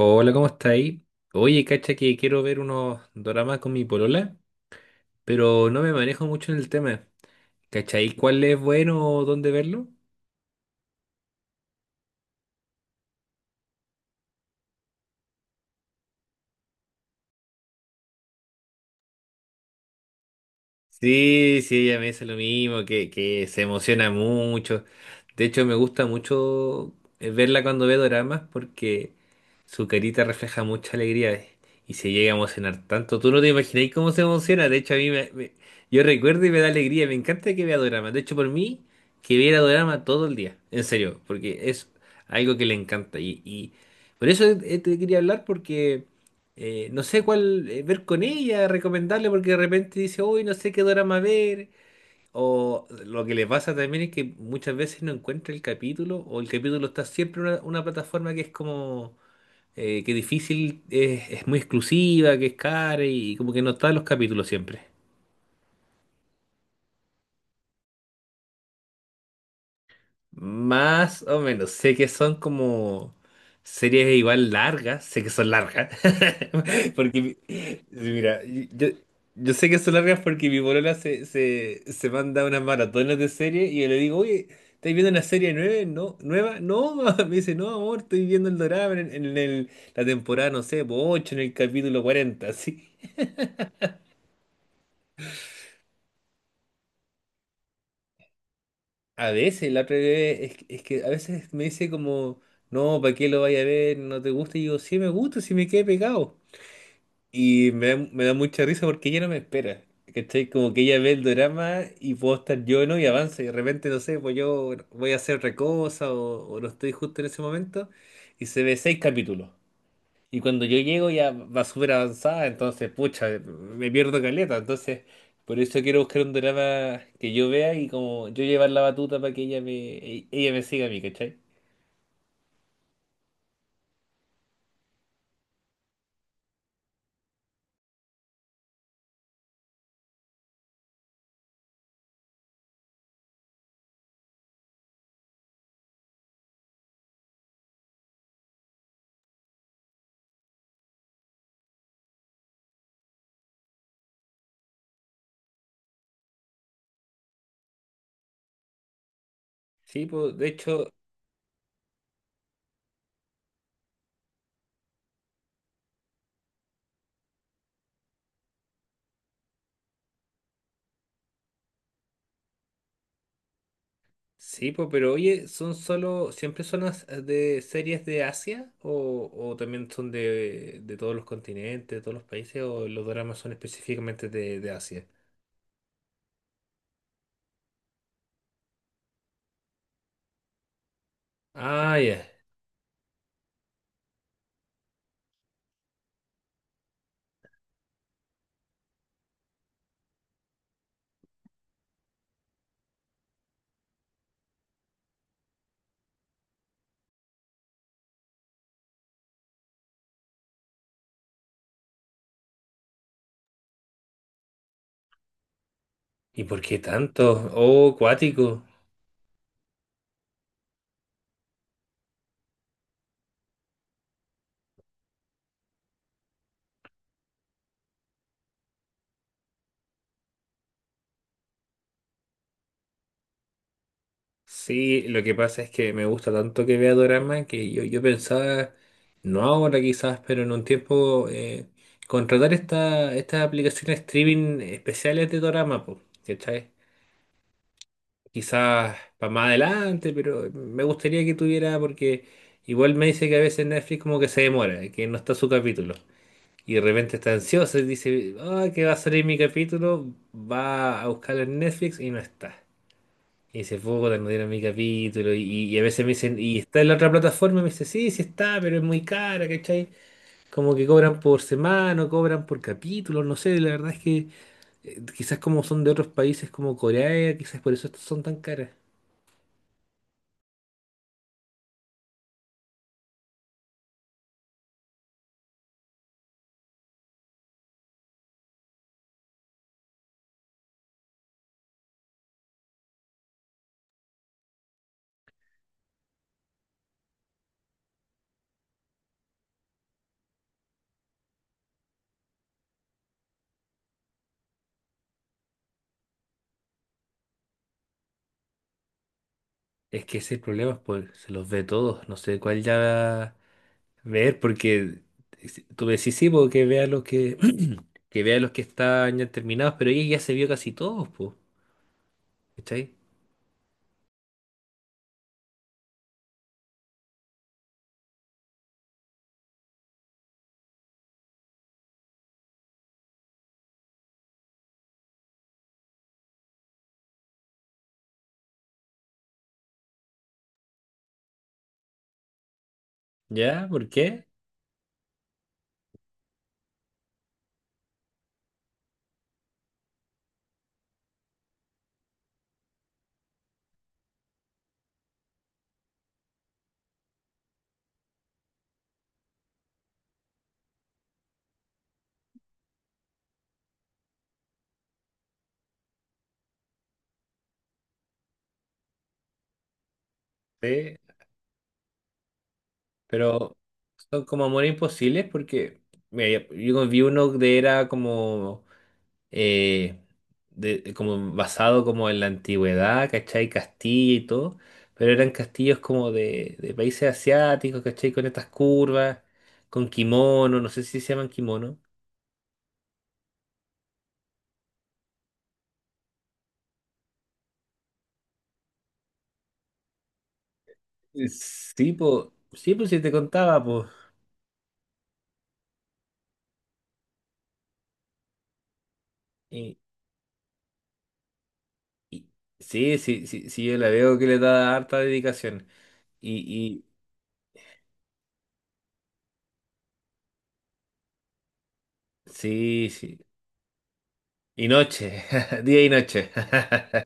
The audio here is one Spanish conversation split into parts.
Hola, ¿cómo estáis? Oye, cacha que quiero ver unos doramas con mi polola, pero no me manejo mucho en el tema. ¿Cachai? ¿Cuál es bueno o dónde verlo? Sí, sí, ella me dice lo mismo, que se emociona mucho. De hecho, me gusta mucho verla cuando ve doramas porque su carita refleja mucha alegría y se llega a emocionar tanto. Tú no te imagináis cómo se emociona. De hecho, a mí me, me- yo recuerdo y me da alegría. Me encanta que vea doramas. De hecho, por mí, que viera dorama todo el día. En serio, porque es algo que le encanta. Y por eso te quería hablar porque no sé cuál ver con ella, recomendarle, porque de repente dice, uy, no sé qué drama ver. O lo que le pasa también es que muchas veces no encuentra el capítulo, o el capítulo está siempre en una plataforma que es como que difícil, es muy exclusiva, que es cara y como que no están los capítulos siempre. Más o menos. Sé que son como series igual largas. Sé que son largas. Porque, sí, mira, yo sé que son largas porque mi polola se manda unas maratones de series y yo le digo, oye, ¿estás viendo una serie nueva? No, nueva. No, mamá". Me dice, no, amor, estoy viendo el dorado en la temporada, no sé, 8, en el capítulo 40 así. A veces, la otra vez, es que a veces me dice como, no, ¿para qué lo vaya a ver? ¿No te gusta? Y yo, sí me gusta, sí me quedé pegado. Y me da mucha risa porque ella no me espera. ¿Cachai? Como que ella ve el drama y puedo estar yo, ¿no? Y avanza. Y de repente, no sé, pues yo voy a hacer otra cosa o no estoy justo en ese momento. Y se ve seis capítulos. Y cuando yo llego ya va súper avanzada, entonces, pucha, me pierdo caleta. Entonces, por eso quiero buscar un drama que yo vea y como yo llevar la batuta para que ella me siga a mí, ¿cachai? Sí, pues, de hecho, sí, pues, pero oye, ¿son solo, siempre son de series de Asia o también son de todos los continentes, de todos los países o los dramas son específicamente de Asia? Ah, ya. ¿Y por qué tanto? Oh, cuático. Sí, lo que pasa es que me gusta tanto que vea Dorama que yo pensaba, no ahora quizás, pero en un tiempo, contratar estas aplicaciones streaming especiales de Dorama, po, ¿cachai? Quizás para más adelante, pero me gustaría que tuviera, porque igual me dice que a veces Netflix como que se demora, que no está su capítulo. Y de repente está ansiosa y dice, ah, que va a salir mi capítulo, va a buscarlo en Netflix y no está. Hice poco, no dieron mi capítulo y a veces me dicen, ¿y está en la otra plataforma? Y me dice, sí, sí está, pero es muy cara, ¿cachai? Como que cobran por semana, o cobran por capítulo, no sé, la verdad es que quizás como son de otros países como Corea, quizás por eso estas son tan caras. Es que ese problema es por, se los ve todos, no sé cuál ya ver, porque tú me decís, sí, porque vea los que, que vea los que están ya terminados, pero ella ya se vio casi todos, pues, ¿cachai? ¿Ya? ¿Por qué? Sí. Pero son como amores imposibles porque mira, yo vi uno de era como eh, de como basado como en la antigüedad, ¿cachai? Castilla y todo, pero eran castillos como de países asiáticos, ¿cachai? Con estas curvas, con kimono, no sé si se llaman kimono. Sí, pues, sí, pues si te contaba, pues. Y sí, sí, sí, sí, yo la veo que le da harta dedicación. Y sí, sí. Y noche, día y noche.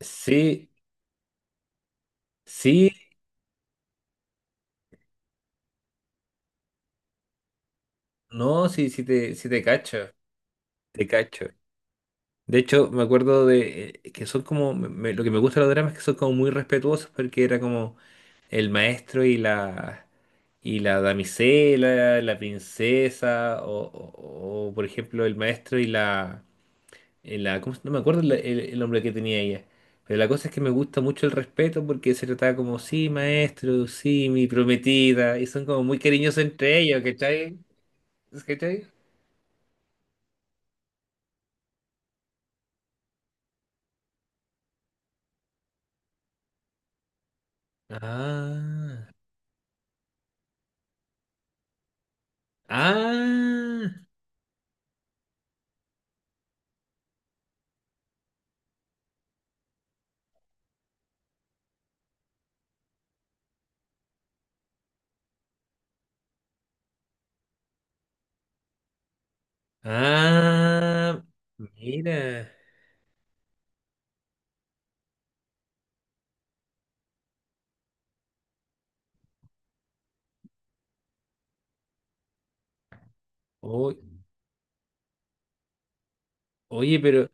Sí, sí, no, sí, sí te cacho, te cacho. De hecho, me acuerdo de que son como, lo que me gusta de los dramas es que son como muy respetuosos porque era como el maestro y la, damisela, la princesa, por ejemplo el maestro. Y la... en la- ¿cómo se- No me acuerdo el nombre que tenía ella, pero la cosa es que me gusta mucho el respeto porque se trataba como, sí, maestro, sí, mi prometida, y son como muy cariñosos entre ellos, ¿cachai? ¿Cachai? Ah, ah, ah, mira. O- oye, pero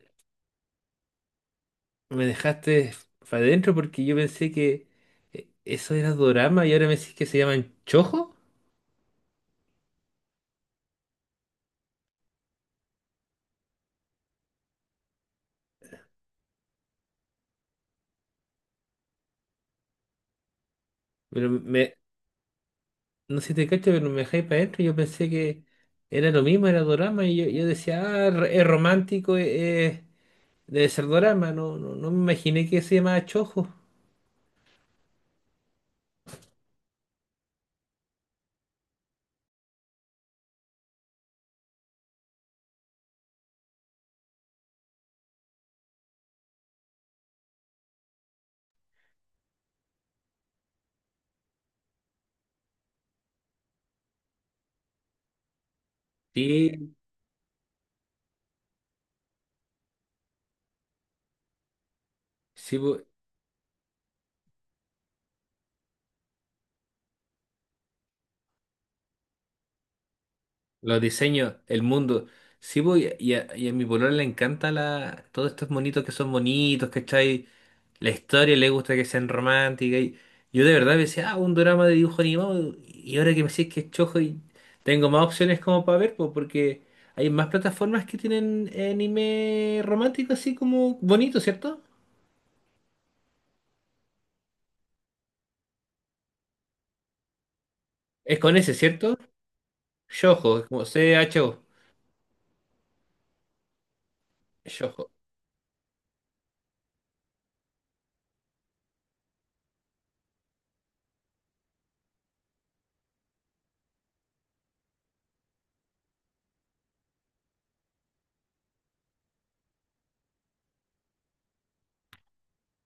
me dejaste para adentro porque yo pensé que eso era dorama y ahora me decís que se llaman chojo. Pero no sé si te cacho, pero me dejé para adentro. Yo pensé que era lo mismo, era dorama. Y yo decía, ah, es romántico, debe ser dorama. No, no, no me imaginé que se llamaba Chojo. Sí, sí, po, los diseños, el mundo. Sí, po, y a mi polola le encanta todos estos monitos que son bonitos, ¿cachai? La historia le gusta que sean románticas. Y yo de verdad decía, ah, un drama de dibujo animado. Y ahora que me decís que es chojo y tengo más opciones como para ver, pues, porque hay más plataformas que tienen anime romántico así como bonito, ¿cierto? Es con ese, ¿cierto? Shoujo, es como Cho. Shoujo.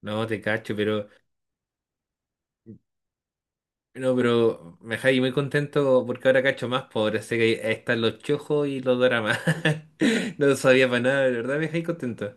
No, te cacho, pero. No, pero me dejáis muy contento porque ahora cacho más pobre. Sé que ahí están los chojos y los dramas. No sabía para nada, de verdad me dejáis contento.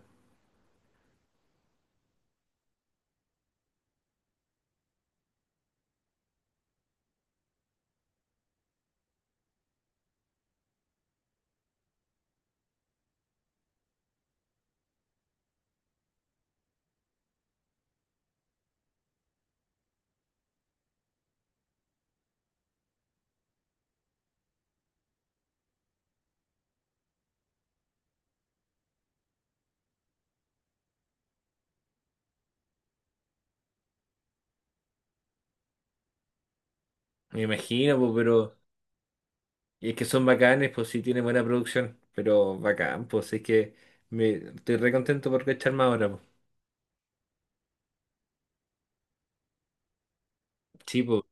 Me imagino, pues, pero. Y es que son bacanes, pues sí tienen buena producción, pero bacán, pues es que estoy re contento por cacharme ahora, pues. Sí, pues,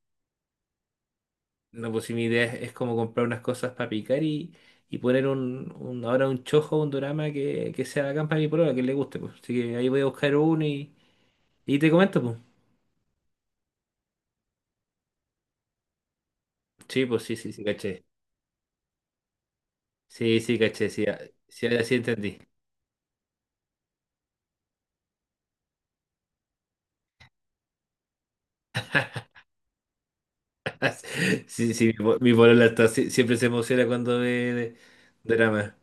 no, pues si mi idea es como comprar unas cosas para picar y poner un, ahora un chojo, un dorama que sea bacán para mi polola, que le guste, pues. Así que ahí voy a buscar uno y te comento, pues. Sí, pues sí, sí, sí, caché. Sí, sí, caché, sí, ah, sí, ahora sí entendí. Sí, sí, mi polola está, sí, siempre se emociona cuando ve de- dorama.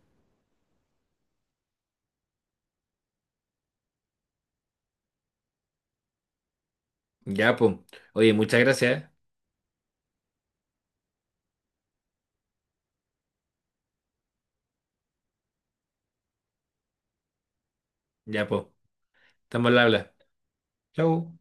Ya, pues. Oye, muchas gracias, ¿eh? Ya, pues. Estamos al habla. Chau.